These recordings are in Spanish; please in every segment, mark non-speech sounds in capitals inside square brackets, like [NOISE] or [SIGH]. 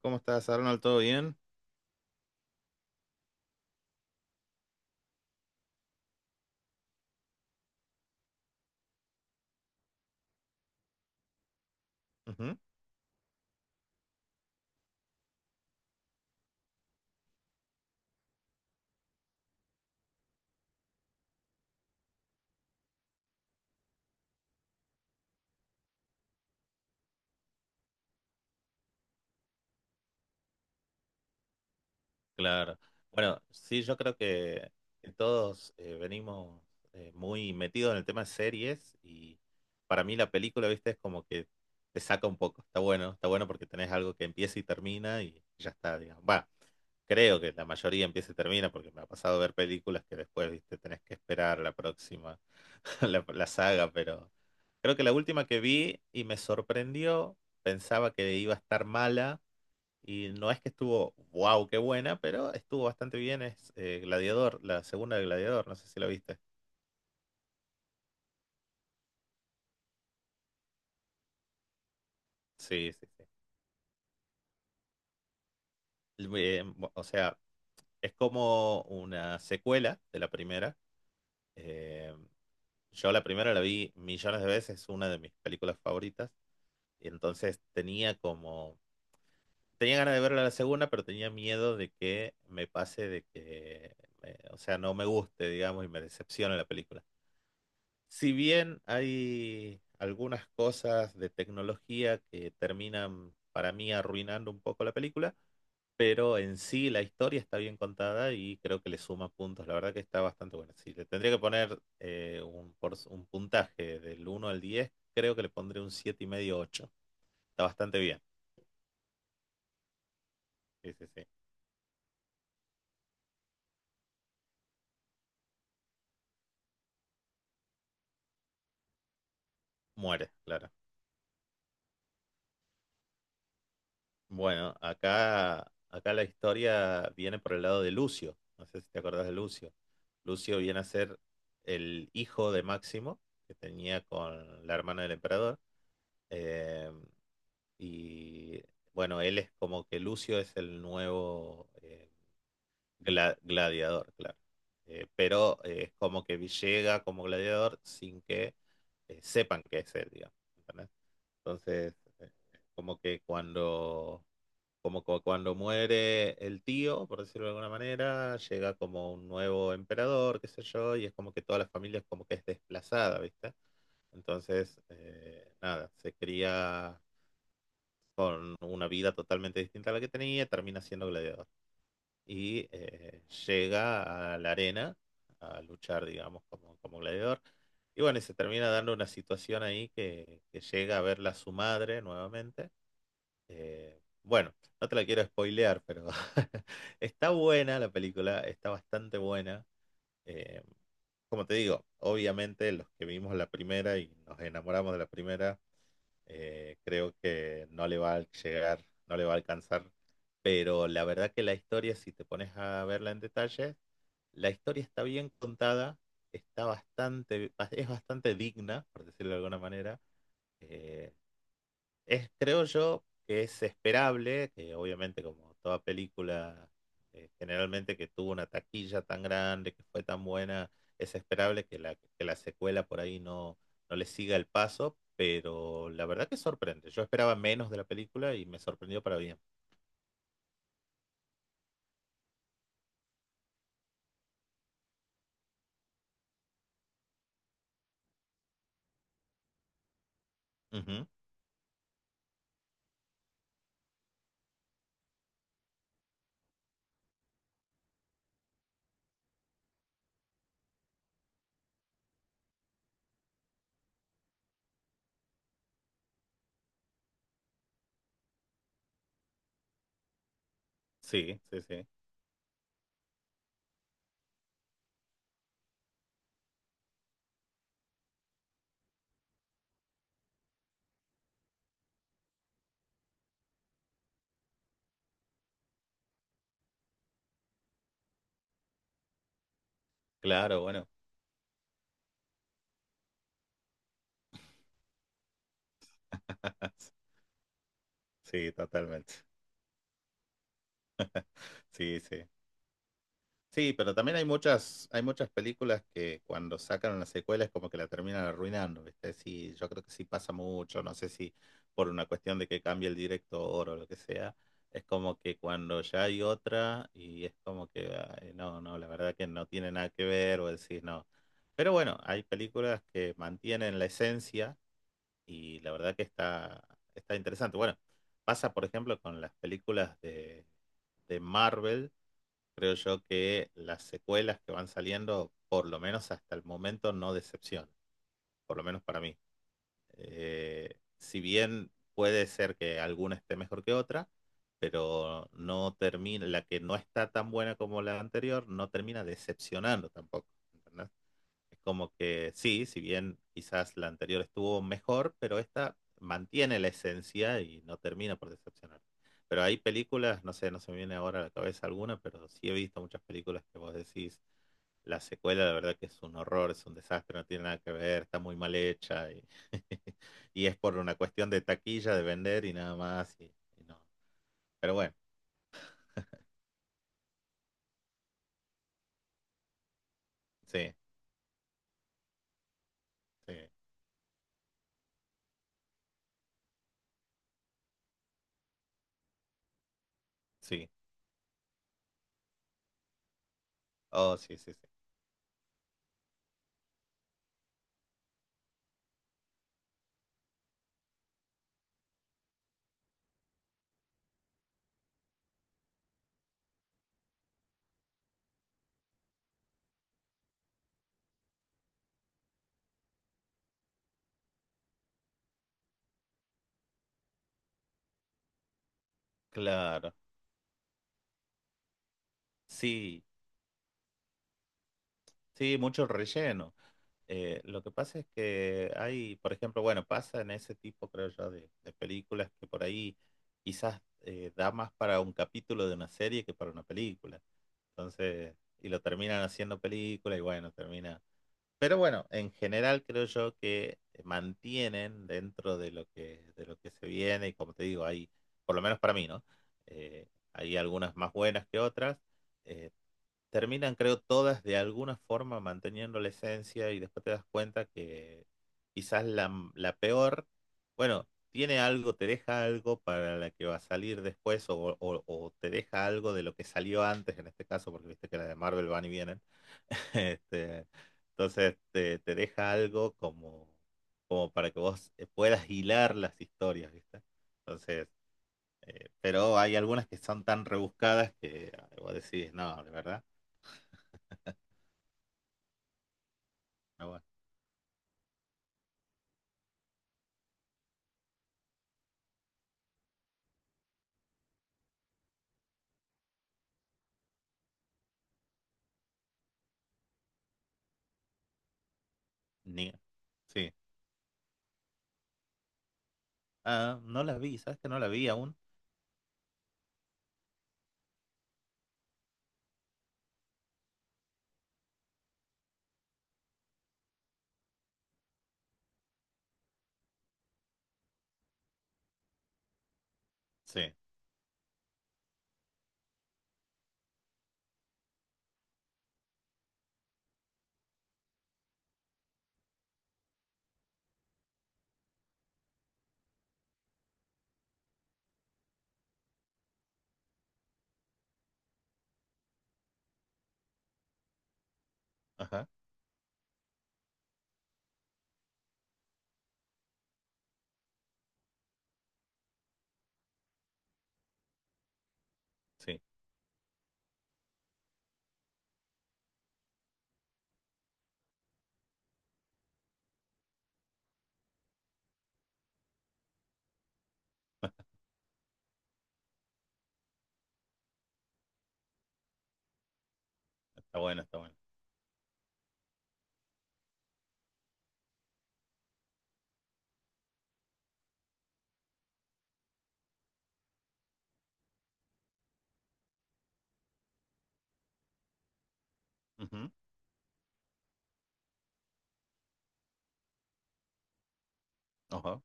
¿Cómo estás, Arnold? ¿Todo bien? Ujú. Claro. Bueno, sí, yo creo que todos venimos muy metidos en el tema de series y para mí la película, viste, es como que te saca un poco. Está bueno porque tenés algo que empieza y termina y ya está, digamos. Va, creo que la mayoría empieza y termina porque me ha pasado ver películas que después, viste, tenés que esperar la próxima, [LAUGHS] la saga, pero creo que la última que vi y me sorprendió, pensaba que iba a estar mala. Y no es que estuvo, wow, qué buena, pero estuvo bastante bien. Es Gladiador, la segunda de Gladiador, no sé si la viste. Sí, sí, sí. O sea, es como una secuela de la primera. Eh, yo la primera la vi millones de veces, es una de mis películas favoritas. Y entonces tenía como, tenía ganas de verla la segunda, pero tenía miedo de que me pase, de que, o sea, no me guste, digamos, y me decepcione la película. Si bien hay algunas cosas de tecnología que terminan para mí arruinando un poco la película, pero en sí la historia está bien contada y creo que le suma puntos. La verdad que está bastante buena. Si le tendría que poner un puntaje del 1 al 10, creo que le pondré un 7,5, ocho. Está bastante bien. Sí, sí, sí. Muere, claro. Bueno, acá, acá la historia viene por el lado de Lucio. No sé si te acordás de Lucio. Lucio viene a ser el hijo de Máximo, que tenía con la hermana del emperador. Eh, y bueno, él es como que Lucio es el nuevo gladiador, claro. Pero es como que llega como gladiador sin que sepan que es él, digamos. ¿Entendés? Entonces, como que cuando cuando muere el tío, por decirlo de alguna manera, llega como un nuevo emperador, qué sé yo, y es como que toda la familia es como que es desplazada, ¿viste? Entonces, nada, se cría con una vida totalmente distinta a la que tenía, termina siendo gladiador. Y llega a la arena a luchar, digamos, como, como gladiador. Y bueno, y se termina dando una situación ahí que llega a verla su madre nuevamente bueno, no te la quiero spoilear, pero [LAUGHS] está buena la película, está bastante buena. Eh, como te digo, obviamente los que vimos la primera y nos enamoramos de la primera, creo que no le va a llegar, no le va a alcanzar. Pero la verdad que la historia, si te pones a verla en detalle, la historia está bien contada, está bastante, es bastante digna, por decirlo de alguna manera. Eh, Creo yo que es esperable, que obviamente como toda película, generalmente que tuvo una taquilla tan grande, que fue tan buena, es esperable que la secuela por ahí no, no le siga el paso, pero la verdad que sorprende. Yo esperaba menos de la película y me sorprendió para bien. Ujú. Sí, sí, sí. Claro, bueno. [LAUGHS] Sí, totalmente. Sí, sí. Sí, pero también hay muchas películas que cuando sacan una secuela es como que la terminan arruinando, ¿viste? Sí, yo creo que sí pasa mucho, no sé si por una cuestión de que cambie el director o lo que sea, es como que cuando ya hay otra y es como que, ay, no, no, la verdad que no tiene nada que ver o decís no. Pero bueno, hay películas que mantienen la esencia y la verdad que está, está interesante. Bueno, pasa por ejemplo con las películas de Marvel. Creo yo que las secuelas que van saliendo, por lo menos hasta el momento, no decepcionan, por lo menos para mí. Si bien puede ser que alguna esté mejor que otra, pero no termina, la que no está tan buena como la anterior, no termina decepcionando tampoco, ¿entendés? Es como que sí, si bien quizás la anterior estuvo mejor, pero esta mantiene la esencia y no termina por decepcionar. Pero hay películas, no sé, no se me viene ahora a la cabeza alguna, pero sí he visto muchas películas que vos decís, la secuela la verdad que es un horror, es un desastre, no tiene nada que ver, está muy mal hecha y, [LAUGHS] y es por una cuestión de taquilla, de vender y nada más. Y no. Pero bueno, sí, sí, sí. Oh, sí, sí, sí. Claro. Sí, sí, mucho relleno. Lo que pasa es que hay, por ejemplo, bueno, pasa en ese tipo, creo yo, de películas que por ahí quizás da más para un capítulo de una serie que para una película. Entonces, y lo terminan haciendo película y bueno, termina. Pero bueno, en general creo yo que mantienen dentro de lo que se viene y como te digo, hay, por lo menos para mí, ¿no? Eh, hay algunas más buenas que otras. eh, terminan, creo, todas de alguna forma manteniendo la esencia y después te das cuenta que quizás la, la peor, bueno, tiene algo, te deja algo para la que va a salir después o te deja algo de lo que salió antes en este caso, porque viste que las de Marvel van y vienen. [LAUGHS] Este, entonces te deja algo como, como para que vos puedas hilar las historias, ¿viste? Entonces, pero hay algunas que son tan rebuscadas que ah, vos decís, no, de verdad. No. Ni- sí. Ah, no la vi, ¿sabes que no la vi aún? Sí, ajá, sí, está bueno, está bueno. Ujú, ajá,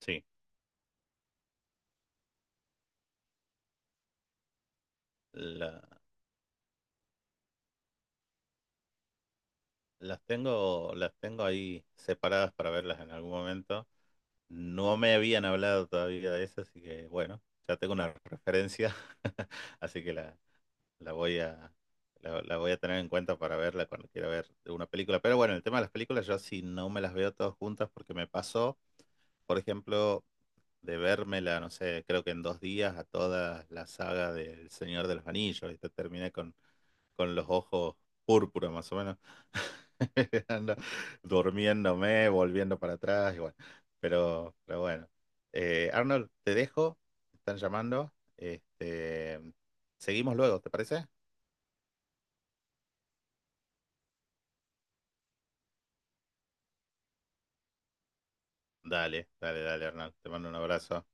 sí. La- las tengo ahí separadas para verlas en algún momento. No me habían hablado todavía de eso, así que bueno, ya tengo una referencia, [LAUGHS] así que la voy a, la voy a tener en cuenta para verla cuando quiera ver una película. Pero bueno, el tema de las películas, yo sí no me las veo todas juntas porque me pasó, por ejemplo, de vérmela, no sé, creo que en 2 días a toda la saga del Señor de los Anillos. Y te terminé con, los ojos púrpura, más o menos. [LAUGHS] Ando durmiéndome, volviendo para atrás, y bueno. Pero bueno. Arnold, te dejo. Me están llamando. Este, seguimos luego, ¿te parece? Dale, dale, dale, Arnold. Te mando un abrazo.